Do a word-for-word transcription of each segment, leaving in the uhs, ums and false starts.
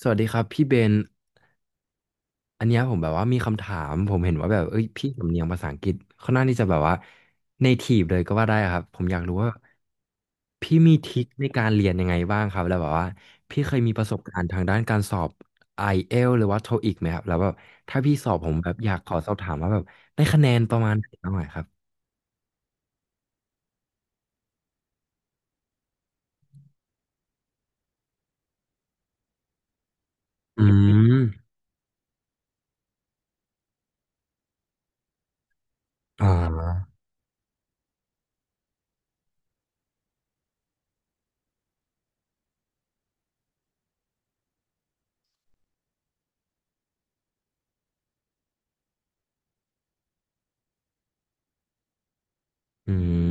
สวัสดีครับพี่เบนอันเนี้ยผมแบบว่ามีคำถามผมเห็นว่าแบบเอ้ยพี่สำเนียงภาษาอังกฤษค่อนข้างที่จะแบบว่าเนทีฟเลยก็ว่าได้ครับผมอยากรู้ว่าพี่มีทริคในการเรียนยังไงบ้างครับแล้วแบบว่าพี่เคยมีประสบการณ์ทางด้านการสอบ ไอ เอล ที เอส หรือว่า โทอิค ไหมครับแล้วแบบถ้าพี่สอบผมแบบอยากขอสอบถามว่าแบบได้คะแนนประมาณไหนบ้างไหน่ครับอืมอ่าอืม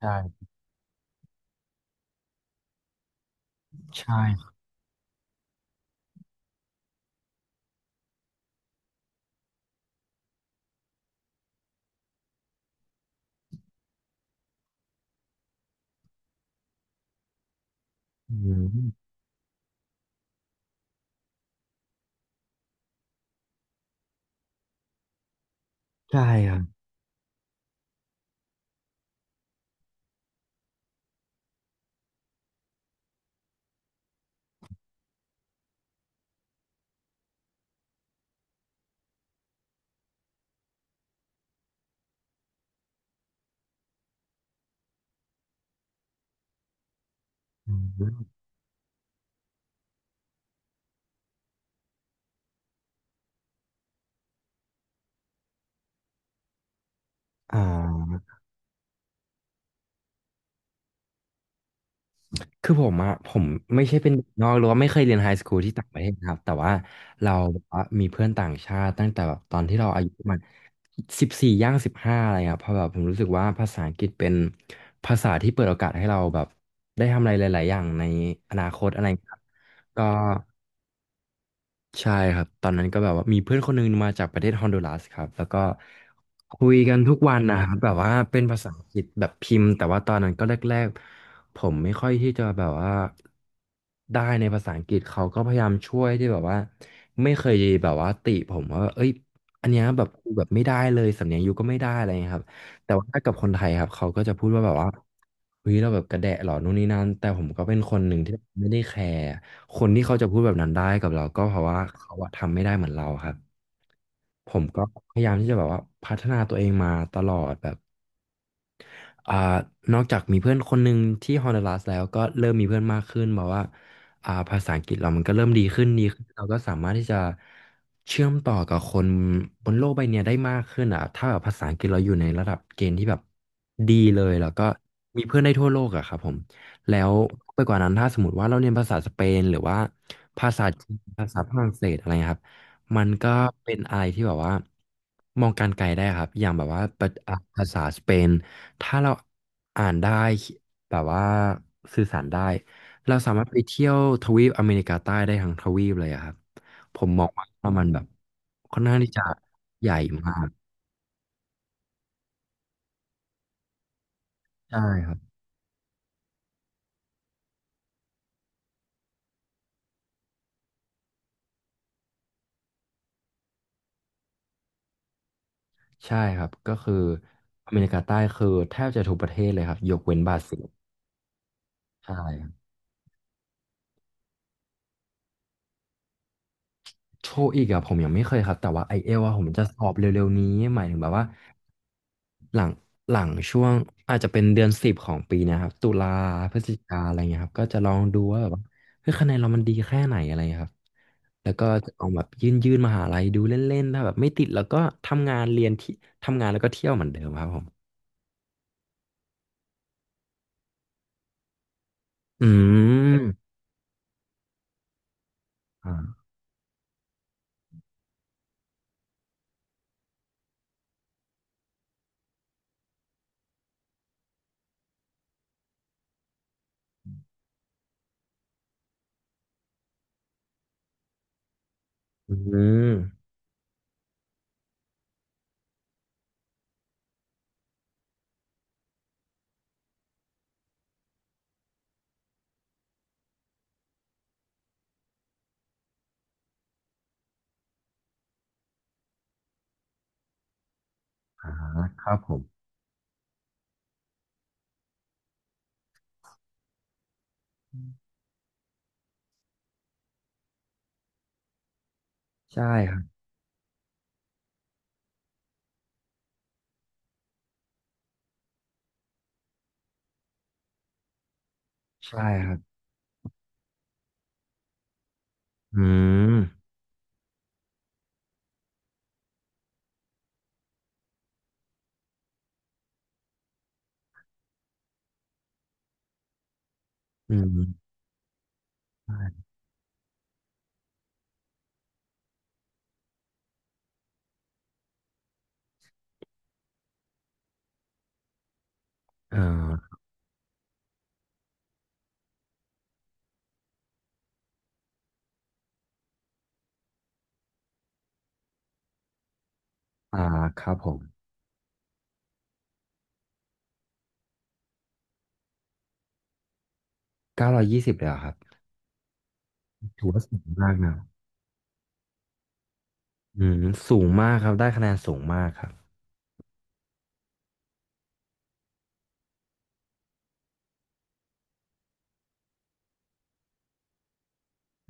ใช่ใช่อืมใช่ครับอืมอ่า คือผมอะผมไม่ใช่เป็นเด็กนอกหรือว่าไม่เคยเรียนไฮสคูลที่ต่างประเทศนะครับแต่ว่าเราแบบว่ามีเพื่อนต่างชาติตั้งแต่แบบตอนที่เราอายุประมาณสิบสี่ย่างสิบห้าอะไรเงี้ยเพราะแบบผมรู้สึกว่าภาษาอังกฤษเป็นภาษาที่เปิดโอกาสให้เราแบบได้ทำอะไรหลายๆอย่างในอนาคตอะไรเงี้ยครับก็ ใช่ครับตอนนั้นก็แบบว่ามีเพื่อนคนหนึงมาจากประเทศฮอนดูรัสครับแล้วก็คุยกันทุกวันนะครับแบบว่าเป็นภาษาอังกฤษแบบพิมพ์แต่ว่าตอนนั้นก็แรกๆผมไม่ค่อยที่จะแบบว่าได้ในภาษาอังกฤษเขาก็พยายามช่วยที่แบบว่าไม่เคยแบบว่าติผมว่าเอ้ยอันเนี้ยแบบกูแบบไม่ได้เลยสำเนียงยูก็ไม่ได้อะไรเงี้ยครับแต่ว่าถ้ากับคนไทยครับเขาก็จะพูดว่าแบบว่าเฮ้ยเราแบบกระแดะหรอนู่นนี่นั่นแต่ผมก็เป็นคนหนึ่งที่ไม่ได้แคร์ คนที่เขาจะพูดแบบนั้นได้กับเราก็เพราะว่าเขาอะทำไม่ได้เหมือนเราครับผมก็พยายามที่จะแบบว่าพัฒนาตัวเองมาตลอดแบบ อ่านอกจากมีเพื่อนคนหนึ่งที่ฮอนดูรัสแล้วก็เริ่มมีเพื่อนมากขึ้นแบบว่าอ่าภาษาอังกฤษเรามันก็เริ่มดีขึ้นดีขึ้นเราก็สามารถที่จะเชื่อมต่อกับคนบนโลกใบเนี้ยได้มากขึ้นอ่ะถ้าแบบภาษาอังกฤษเราอยู่ในระดับเกณฑ์ที่แบบดีเลยแล้วก็มีเพื่อนได้ทั่วโลกอะครับผมแล้วไปกว่านั้นถ้าสมมติว่าเราเรียนภาษาสเปนหรือว่าภาษาจีนภาษาฝรั่งเศสอะไรเงี้ยครับมันก็เป็นอะไรที่แบบว่ามองการไกลได้ครับอย่างแบบว่าประอ่ะภาษาสเปน ถ้าเราอ่านได้แบบว่าสื่อสารได้เราสามารถไปเที่ยวทวีปอเมริกาใต้ได้ทั้งทวีปเลยอะครับผมมองว่ามันแบบค่อนข้างที่จะใหญ่มากใช่ครับใช่ครับก็คืออเมริกาใต้คือแทบจะทุกประเทศเลยครับยกเว้นบราซิลใช่ โทอีกอะผมยังไม่เคยครับแต่ว่าไอเอลอะผมจะสอบเร็วๆนี้หมายถึงแบบว่าหลังหลังช่วงอาจจะเป็นเดือนสิบของปีเนะครับตุลาพฤศจิกาอะไรเงี้ยครับก็จะลองดูว่าแบบว่าเฮ้ยคะแนนเรามันดีแค่ไหนอะไรเงี้ยครับแล้วก็จะลองแบบยื่นยื่นมหาลัยดูเล่นๆถ้าแบบไม่ติดแล้วก็ทำงานเรียนที่ทำงานแล้วก็เที่ยวเหมือนเดิมครับผมอืมอ่าอืมอ่าครับผมใช่ครับใช่ครับอืมอืมใช่อ๋อ อ่าครับผมเก้าร้อยยี่สิบเลยเหรอครับถือว่าสูงมากนะอืมสูงมากครับได้คะแนนสูงมากครับ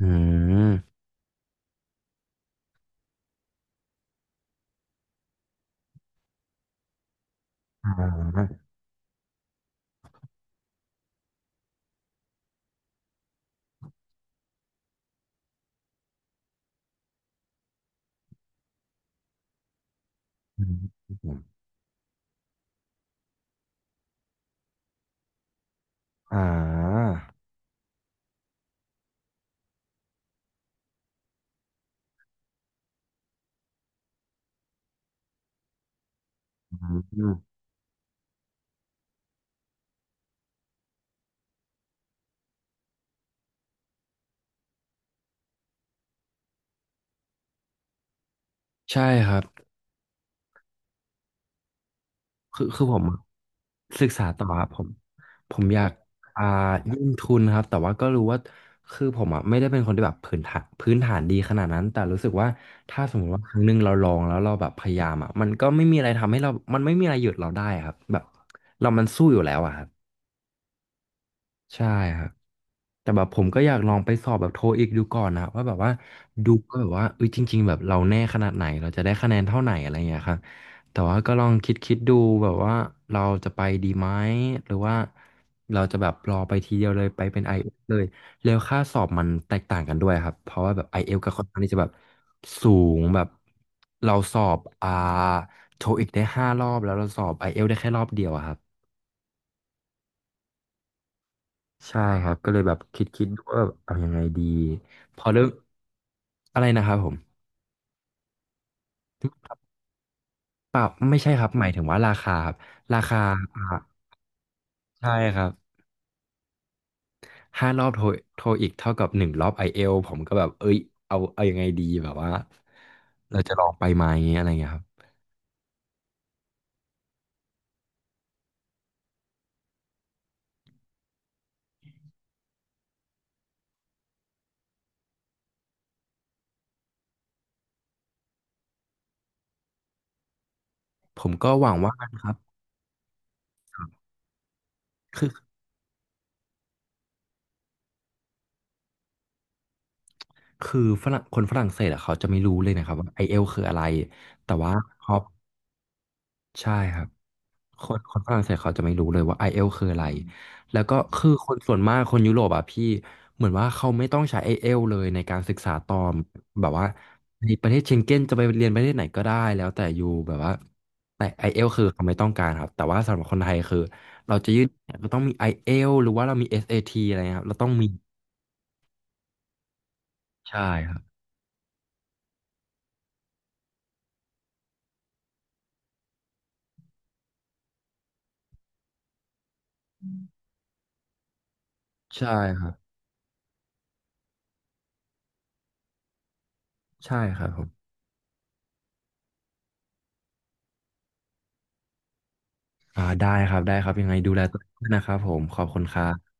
อืมอ่าอืมครับผมอ่าอืมใช่ครับคือคือผมอะศึกษาต่อครับผมผมอยากอ่ายื่นทุนครับแต่ว่าก็รู้ว่าคือผมอ่ะไม่ได้เป็นคนที่แบบพื้นฐานพื้นฐานดีขนาดนั้นแต่รู้สึกว่าถ้าสมมติว่าครั้งหนึ่งเราลองแล้วเราแบบพยายามอ่ะมันก็ไม่มีอะไรทำให้เรามันไม่มีอะไรหยุดเราได้ครับแบบเรามันสู้อยู่แล้วอ่ะครับ ใช่ครับแต่แบบผมก็อยากลองไปสอบแบบโทอีกดูก่อนนะว่าแบบว่าดูก็แบบว่าเอ้ยจริงๆแบบเราแน่ขนาดไหนเราจะได้คะแนนเท่าไหนอะไรอย่างเงี้ยครับแต่ว่าก็ลองคิดคิดดูแบบว่าเราจะไปดีไหมหรือว่าเราจะแบบรอไปทีเดียวเลยไปเป็น i อเอลเลยแล้วค่าสอบมันแตกต่างกันด้วยครับเพราะว่าแบบ i อเอลกับคอนข้างที่จะแบบสูงแบบเราสอบอ่าโทอีกได้ห้ารอบแล้วเราสอบ i อเอลได้แค่รอบเดียวอะครับ ใช่ครับก็เลยแบบคิดคิดดูว่าเอายังไงดีพอเริ่มอะไรนะครับผมเปล่าไม่ใช่ครับหมายถึงว่าราคาครับอ่าใช่ครับห้ารอบโทรโทรอีกเท่ากับหนึ่งรอบไอเอลผมก็แบบเอ้ยเอาเอายังไงดีแบบว่าเราจะลองไปไหมอะไรเงี้ยครับผมก็หวังว่านะครับคือคือฝรั่งคนฝรั่งเศสอะเขาจะไม่รู้เลยนะครับว่าไอเอลคืออะไรแต่ว่าพอใช่ครับ คนคนฝรั่งเศสเขาจะไม่รู้เลยว่า i e l อลคืออะไรแล้วก็คือคนส่วนมากคนยุโรปอ่ะพี่เหมือนว่าเขาไม่ต้องใช้ i e l อลเลยในการศึกษาต่อแบบว่าในประเทศเชงเก้นจะไปเรียนประเทศไหนก็ได้แล้วแต่อยู่แบบว่าแต่ i e l อลคือเขาไม่ต้องการครับแต่ว่าสำหรับคนไทยคือเราจะยื่นก็ต้องมี i e l อลหรือว่าเรามี เอส เอ ที อสเอทีอะไรเงี้ยครับเราต้องมีใช่ครับใช่ครับใช่ครับผมอ่าได้ครับได้ครับยังไงดูแลตัวเองด้วยนะครับผมขอบคุณครับ